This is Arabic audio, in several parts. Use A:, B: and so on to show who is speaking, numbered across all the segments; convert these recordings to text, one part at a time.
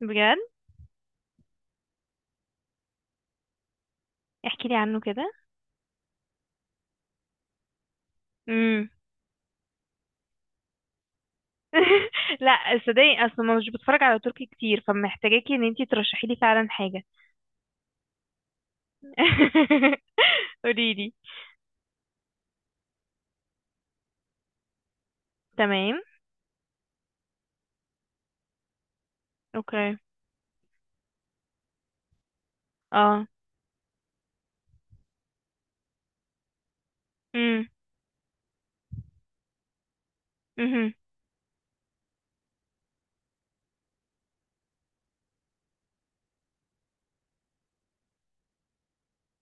A: بجد. احكي لي عنه كده. امم. لا، صدقني اصلا ما مش بتفرج على تركي كتير، فمحتاجاكي ان انتي ترشحي لي فعلا حاجه. قولي لي. تمام. اوكي. اه. امم. امم.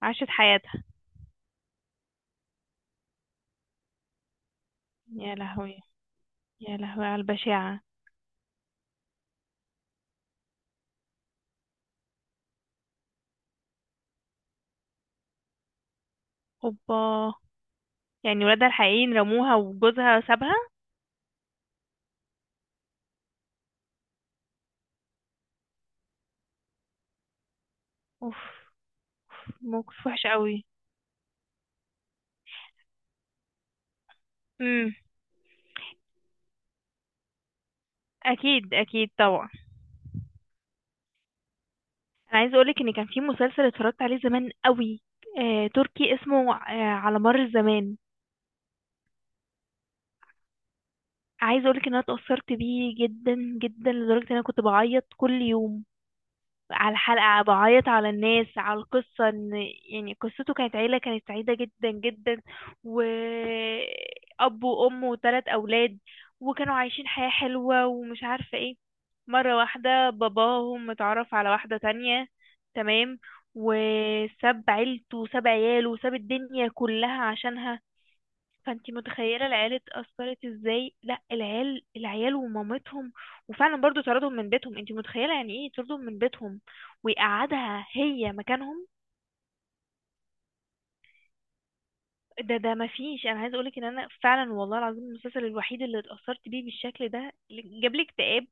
A: عاشت حياتها. يا لهوي، يا لهوي على البشاعه. اوبا. يعني ولادها الحقيقيين رموها وجوزها سابها. اوف، أوف، موقف وحش قوي. امم. اكيد، اكيد طبعا. انا عايزه اقولك ان كان في مسلسل اتفرجت عليه زمان قوي. تركي اسمه على مر الزمان. عايزه اقولك ان انا اتأثرت بيه جدا جدا، لدرجه ان انا كنت بعيط كل يوم على الحلقة، بعيط على الناس، على القصة. ان يعني قصته كانت عيلة كانت سعيدة جدا جدا، وأب وأم وثلاث أولاد، وكانوا عايشين حياة حلوة ومش عارفة ايه. مرة واحدة باباهم اتعرف على واحدة تانية. تمام. وساب عيلته وساب عياله وساب الدنيا كلها عشانها. فانتي متخيله العيال اتأثرت ازاي؟ لا، العيال، العيال ومامتهم. وفعلا برضو طردهم من بيتهم. انتي متخيله يعني ايه يطردهم من بيتهم ويقعدها هي مكانهم؟ ده مفيش. انا عايزه اقولك ان انا فعلا والله العظيم المسلسل الوحيد اللي اتأثرت بيه بالشكل ده. جاب لي اكتئاب،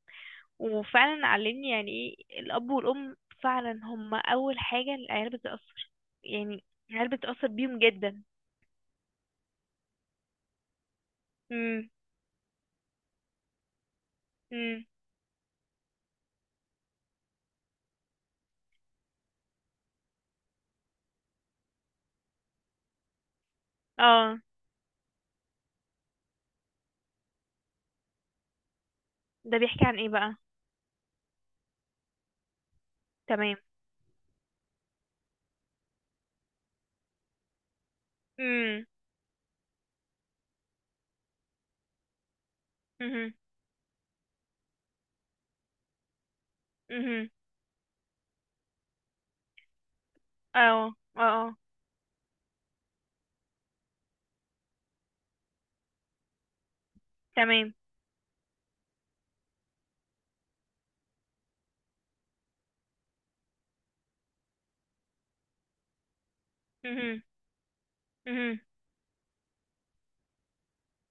A: وفعلا علمني يعني ايه الاب والام. فعلا هم اول حاجه، العيال بتتأثر. يعني العيال بتتأثر بيهم جدا. امم. امم. اه. ده بيحكي عن ايه بقى؟ تمام. امم. مهم. اه، اه، اه. تمام. مهم. مهم.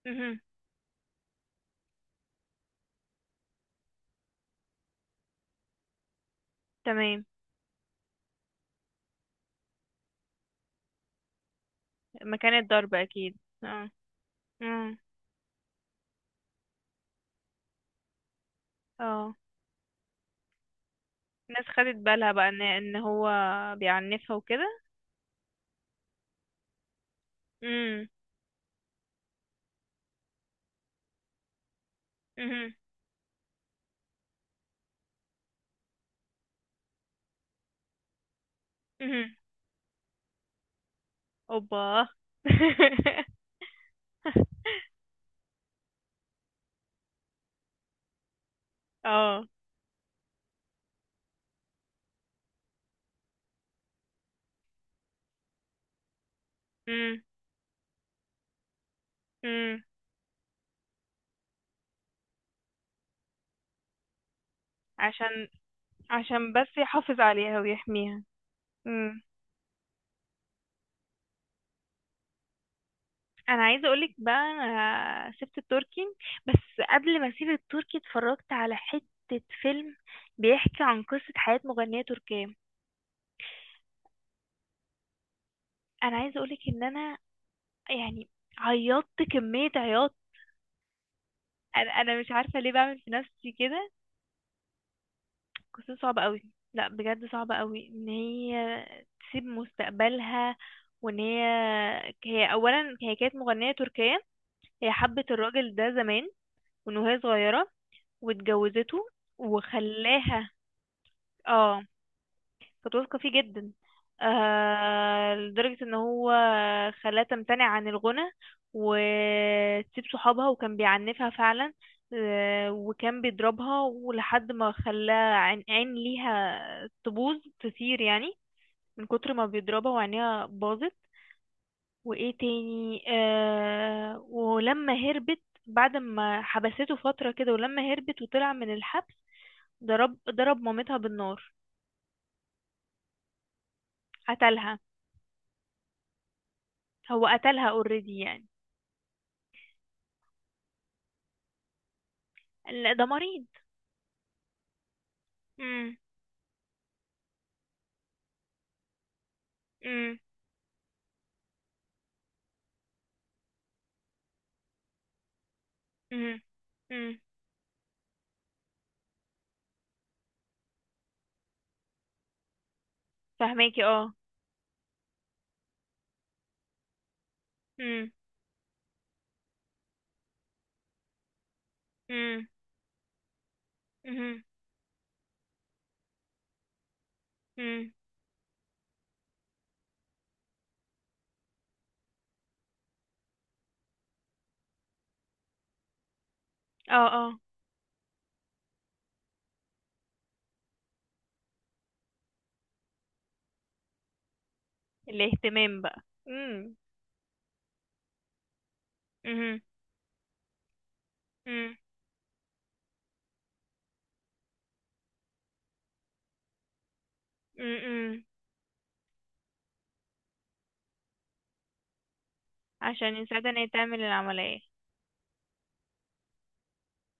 A: مهم. تمام. مكان الضرب اكيد. اه. مم. اه، الناس خدت بالها بقى ان هو بيعنفها وكده. مم. مهم. مهم. اوبا. اه. مم. مم. عشان عشان بس يحافظ عليها ويحميها. انا عايزه اقولك بقى انا سبت التركي، بس قبل ما اسيب التركي اتفرجت على حته فيلم بيحكي عن قصه حياه مغنيه تركيه. انا عايزه اقولك ان انا يعني عيطت كميه عياط. انا مش عارفه ليه بعمل في نفسي كده. قصه صعبه قوي. لا بجد صعبه قوي، ان هي تسيب مستقبلها، وان هي اولا، هي كانت مغنيه تركيه. هي حبت الراجل ده زمان وهي صغيره، واتجوزته وخلاها. اه. كنت واثقة فيه جدا. لدرجة ان هو خلاها تمتنع عن الغنى وتسيب صحابها، وكان بيعنفها فعلا. وكان بيضربها، ولحد ما خلاها عين ليها تبوظ، تسير يعني، من كتر ما بيضربها وعينيها باظت. وايه تاني؟ ولما هربت، بعد ما حبسته فترة كده، ولما هربت وطلع من الحبس ضرب مامتها بالنار، قتلها. هو قتلها اوريدي يعني. لا ده مريض. امم. امم. امم. امم. فهماكي، اه. امم. امم. امم. امم. اه. اه. الاهتمام بقى. امم. امم. امم. امم. عشان يساعدها ان هي تعمل العملية.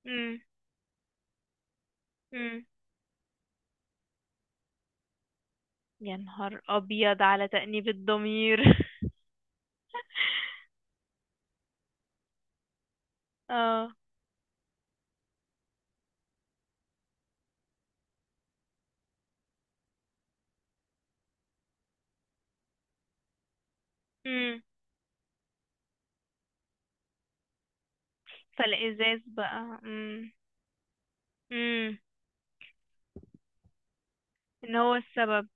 A: امم. امم. يا نهار ابيض على تأنيب الضمير. اه. امم. فالازاز بقى. امم. امم. ان هو السبب.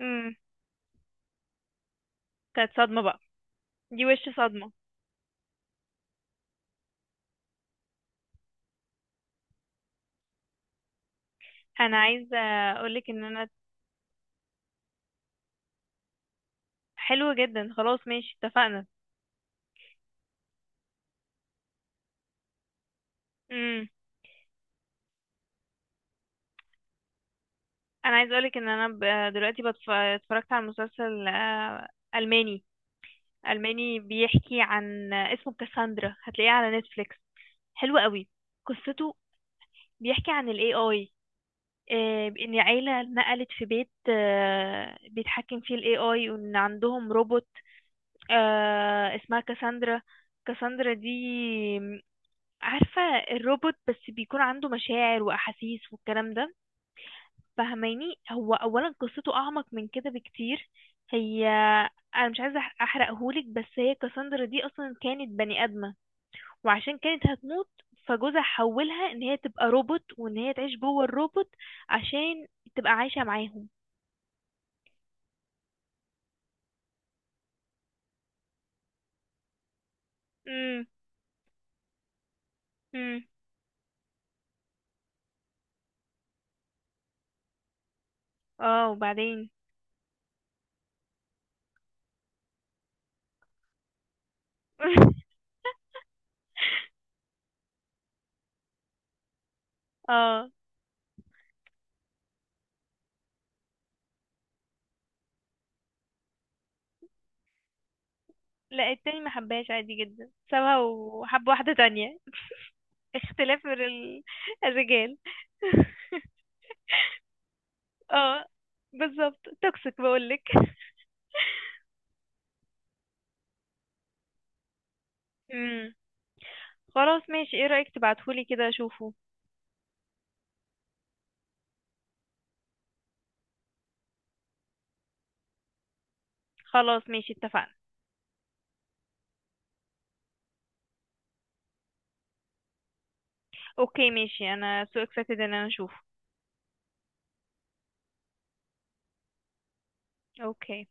A: امم. كانت صدمة بقى. دي وش صدمة. انا عايزه اقولك ان انا، حلو جدا، خلاص ماشي اتفقنا. امم. انا عايزه اقولك ان انا دلوقتي اتفرجت على مسلسل الماني. الماني، بيحكي عن، اسمه كاساندرا، هتلاقيه على نتفليكس. حلو قوي. قصته بيحكي عن الاي اي. ان عيله نقلت في بيت بيتحكم فيه الاي اي، وان عندهم روبوت اسمها كاساندرا. كاساندرا دي، عارفة، الروبوت، بس بيكون عنده مشاعر وأحاسيس والكلام ده. فهماني، هو أولا قصته أعمق من كده بكتير. هي أنا مش عايزة أحرقهولك، بس هي كاساندرا دي أصلا كانت بني آدمة، وعشان كانت هتموت فجوزها حولها إن هي تبقى روبوت، وإن هي تعيش جوه الروبوت، عشان تبقى عايشة معاهم. امم. امم. اه، وبعدين. اه. لا التاني ما حبهاش، عادي جدا سابها وحب واحدة تانية. اختلاف الرجال. اه. بالظبط، توكسيك بقولك. امم. خلاص ماشي، ايه رأيك تبعتهولي كده اشوفه؟ خلاص ماشي، اتفقنا. اوكي ماشي، انا so excited ان انا اشوفه. اوكي.